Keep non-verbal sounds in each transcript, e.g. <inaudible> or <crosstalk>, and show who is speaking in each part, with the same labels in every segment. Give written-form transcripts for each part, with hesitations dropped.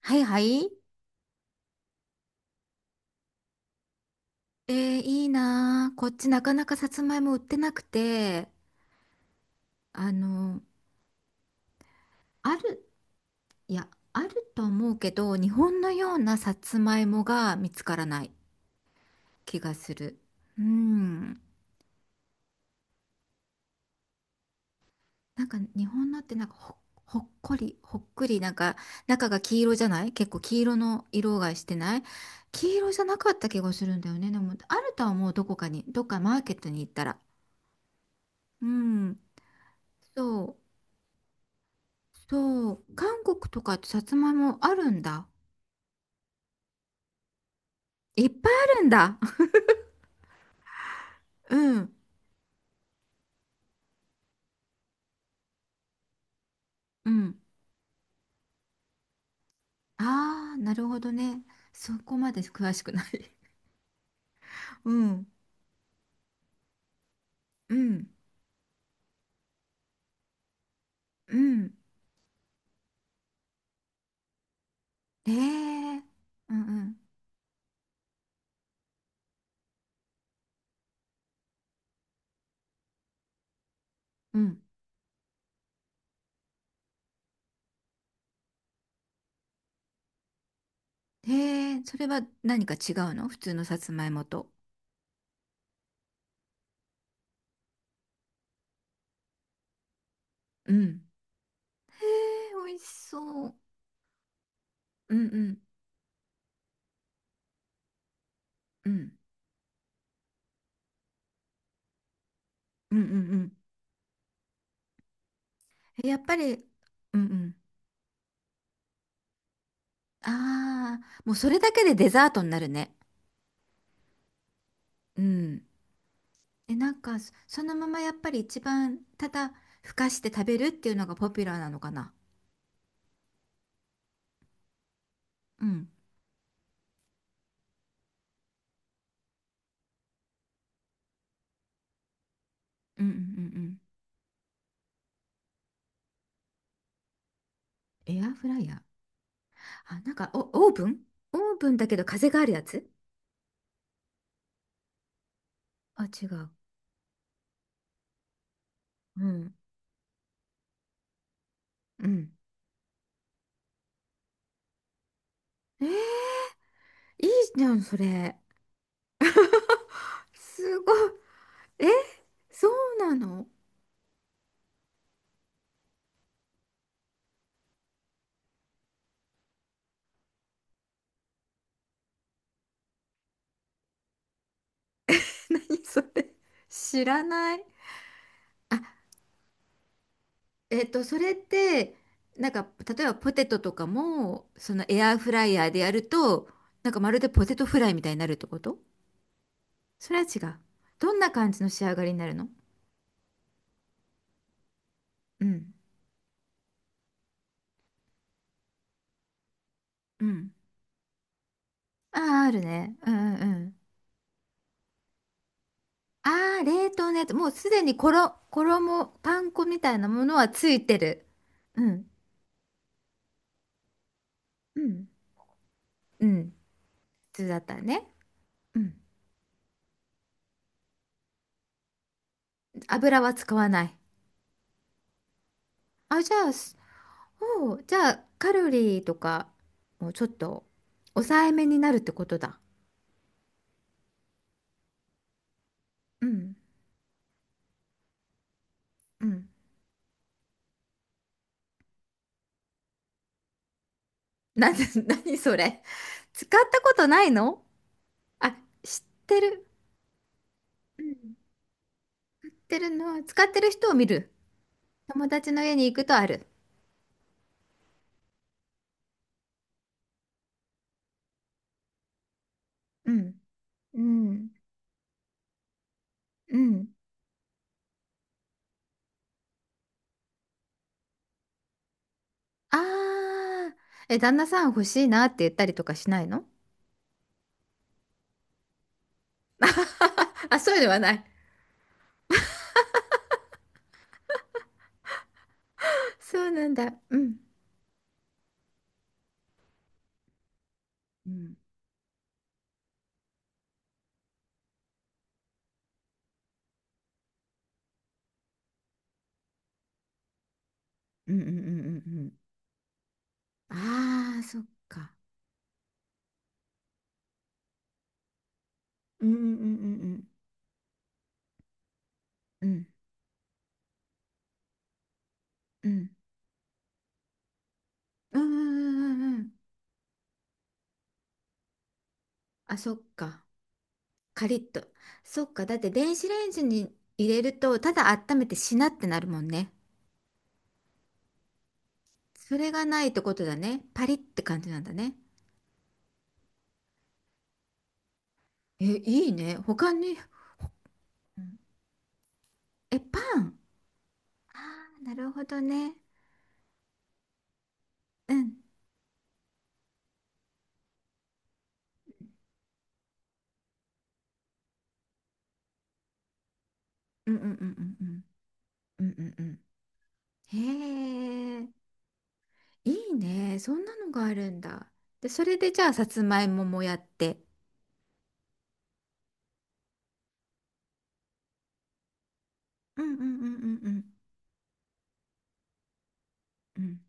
Speaker 1: はいはい。えいいなー。こっちなかなかさつまいも売ってなくて、あの、ある、いや、あると思うけど、日本のようなさつまいもが見つからない気がする。うん。なんか日本のってほっこり、ほっくり、中が黄色じゃない、結構黄色の色がしてない、黄色じゃなかった気がするんだよね。でも、あるとは思う、どこかに、どっかマーケットに行ったら。うん。そう。そう、韓国とかってさつまいもあるんだ。いっぱいあるんだ。<laughs> うん、うん。ああ、なるほどね。そこまで詳しくない。<laughs> うん、うん、うん。ええ、うん、うん、うん。ええ、それは何か違うの、普通のさつまいもと。うん。へえ、美味しそう。うん、うん、うん、うん、うん、うん。え、やっぱり、うん、うん。ああ、もうそれだけでデザートになるね。うん。え、そのままやっぱり一番、ただふかして食べるっていうのがポピュラーなのかな。うん。うんうんうんうん。エアフライヤー。あ、なんか、オーブンだけど風があるやつ。あ、違う。うん。うん。えー、いじゃん、それ。すごい。え、そうなの？ <laughs> 何それ。知らない。あ、えっと、それって、なんか、例えばポテトとかも、そのエアーフライヤーでやると、なんかまるでポテトフライみたいになるってこと？それは違う。どんな感じの仕上がりになるの？うん。うん。ああ、あるね。うんうんうん。ああ、冷凍のやつ。もうすでに衣、パン粉みたいなものはついてる。うん。うん。うん。普通だったらね。うん。油は使わない。あ、じゃあ、おう、じゃあ、カロリーとか、もうちょっと抑えめになるってことだ。うん。うん。なんで？<laughs> なにそれ。使ったことないの？あ、知ってる。うん、てるのは、使ってる人を見る。友達の家に行くとある。うん。うん。うん。ああ。え、旦那さん欲しいなって言ったりとかしないの？あ、そういうのはない。そうなんだ。うん。うん。うんうんうんうんうん。ああ、そっか。うんうんうんうんうん。うんうんうんうんうん。あ、そっか。カリッと。そっか。だって電子レンジに入れると、ただ温めてしなってなるもんね。それがないってことだね。パリって感じなんだね。え、いいね。他に、うん、え、パン。ああ、なるほどね。うん。うんうんうんうんうん。うんうんうん。へえ、いいね。そんなのがあるんだ。で、それでじゃあ、さつまいももやって。うんうんうんうんうん。うん。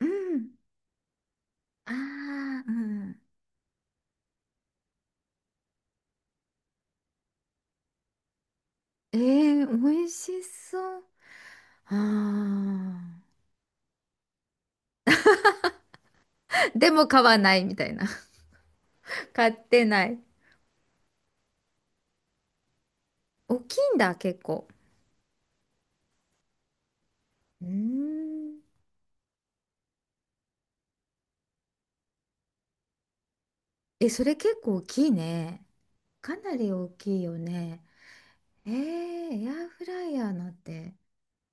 Speaker 1: うん。ああ、うん。えー、美味しそう。ああ。でも買わないみたいな。<laughs> 買ってない。大きいんだ、結構。うーん。え、それ結構大きいね。かなり大きいよね。えー、エアフライヤーなんて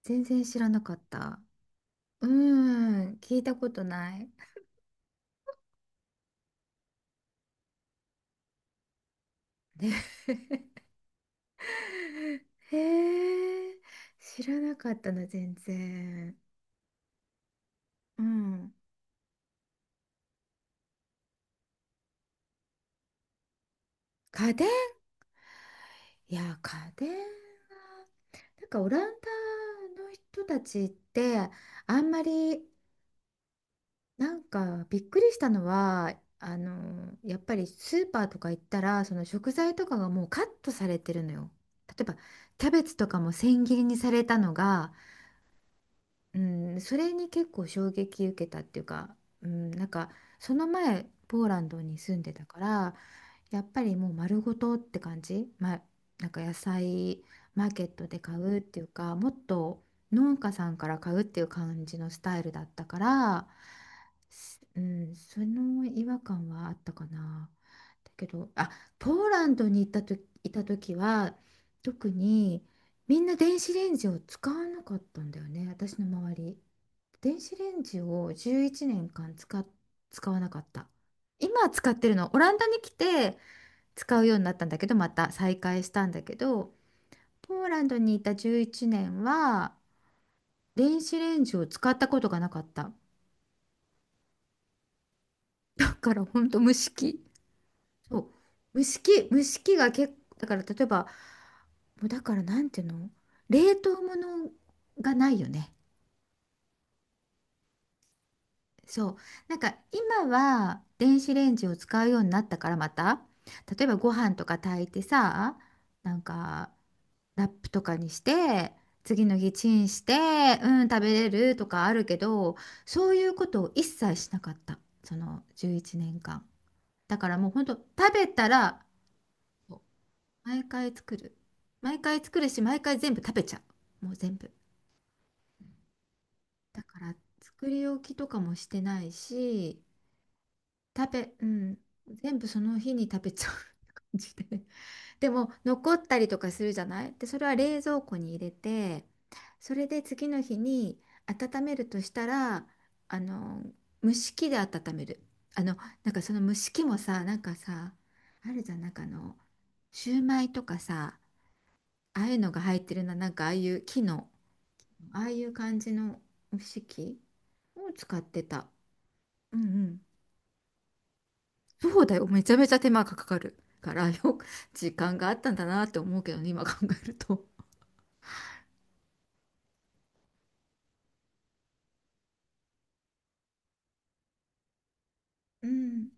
Speaker 1: 全然知らなかった。うーん、聞いたことない。ね <laughs> へえ、知らなかったな、全然。うん。家電？いや、家電は、なんかオランダの人たちって、あんまり、なんかびっくりしたのはあのやっぱりスーパーとか行ったら、その食材とかがもうカットされてるのよ。例えばキャベツとかも千切りにされたのが、うん、それに結構衝撃受けたっていうか、うん、なんかその前ポーランドに住んでたから、やっぱりもう丸ごとって感じ、ま、なんか野菜マーケットで買うっていうか、もっと農家さんから買うっていう感じのスタイルだったから、うん、その違和感はあったかな。だけどあポーランドに行ったと、いた時は、特にみんな電子レンジを使わなかったんだよね、私の周り。電子レンジを11年間使わなかった。今は使ってるの。オランダに来て使うようになったんだけど、また再開したんだけど、ポーランドにいた11年は電子レンジを使ったことがなかった。だからほんと蒸し器、そう、蒸し器が結構、だから例えば、もうだからなんていうの、冷凍物がないよね。そう。なんか今は電子レンジを使うようになったから、また例えばご飯とか炊いてさ、なんかラップとかにして次の日チンして、うん、食べれるとかあるけど、そういうことを一切しなかった、その11年間。だからもうほんと食べたら、毎回作る毎回作る、し、毎回全部食べちゃうもう全部。だから作り置きとかもしてないし、うん、全部その日に食べちゃう感じで。でも残ったりとかするじゃない、でそれは冷蔵庫に入れて、それで次の日に温めるとしたら、あの蒸し器で温める。あの、なんかその蒸し器もさ、なんかさ、あるじゃん、なんかあの、シューマイとかさ、ああいうのが入ってるな、なんかああいう木の、ああいう感じの蒸し器を使ってた。うんうん。そうだよ、めちゃめちゃ手間がかかるから、よく時間があったんだなって思うけどね、今考えると。うん、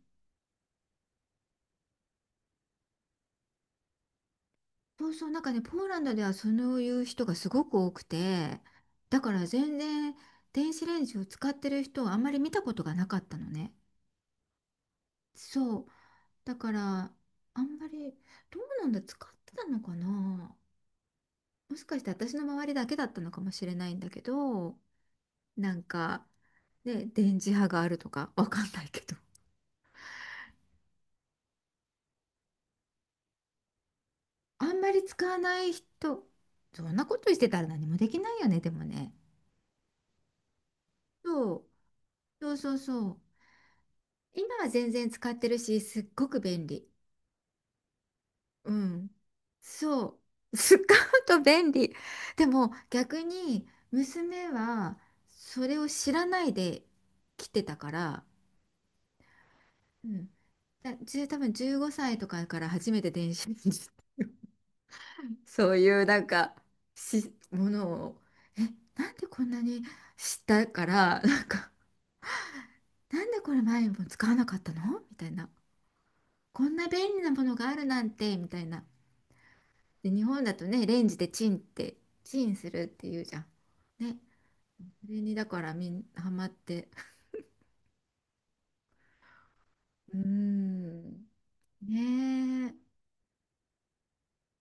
Speaker 1: そうそう、なんかね、ポーランドではそういう人がすごく多くて、だから全然電子レンジを使ってる人をあんまり見たことがなかったのね。そう。だから、あんまり、どうなんだ、使ってたのかな、もしかして私の周りだけだったのかもしれないんだけど、なんか、ね、電磁波があるとかわかんないけど。あんまり使わない人、そんなことしてたら何もできないよね、でもね。そう、そうそうそう。今は全然使ってるし、すっごく便利。うん。そう。<laughs> 使うと便利。でも逆に娘はそれを知らないで来てたから、うん。じゅう多分15歳とかから初めて電子レンジ。 <laughs> そういうなんかしものを、え、なんでこんなに、知ったからなんか、なんでこれ前にも使わなかったのみたいな、こんな便利なものがあるなんてみたいな。で、日本だとね、レンジでチンって、チンするっていうじゃん。ね。それにだからみんハマって。うーん。ねえ。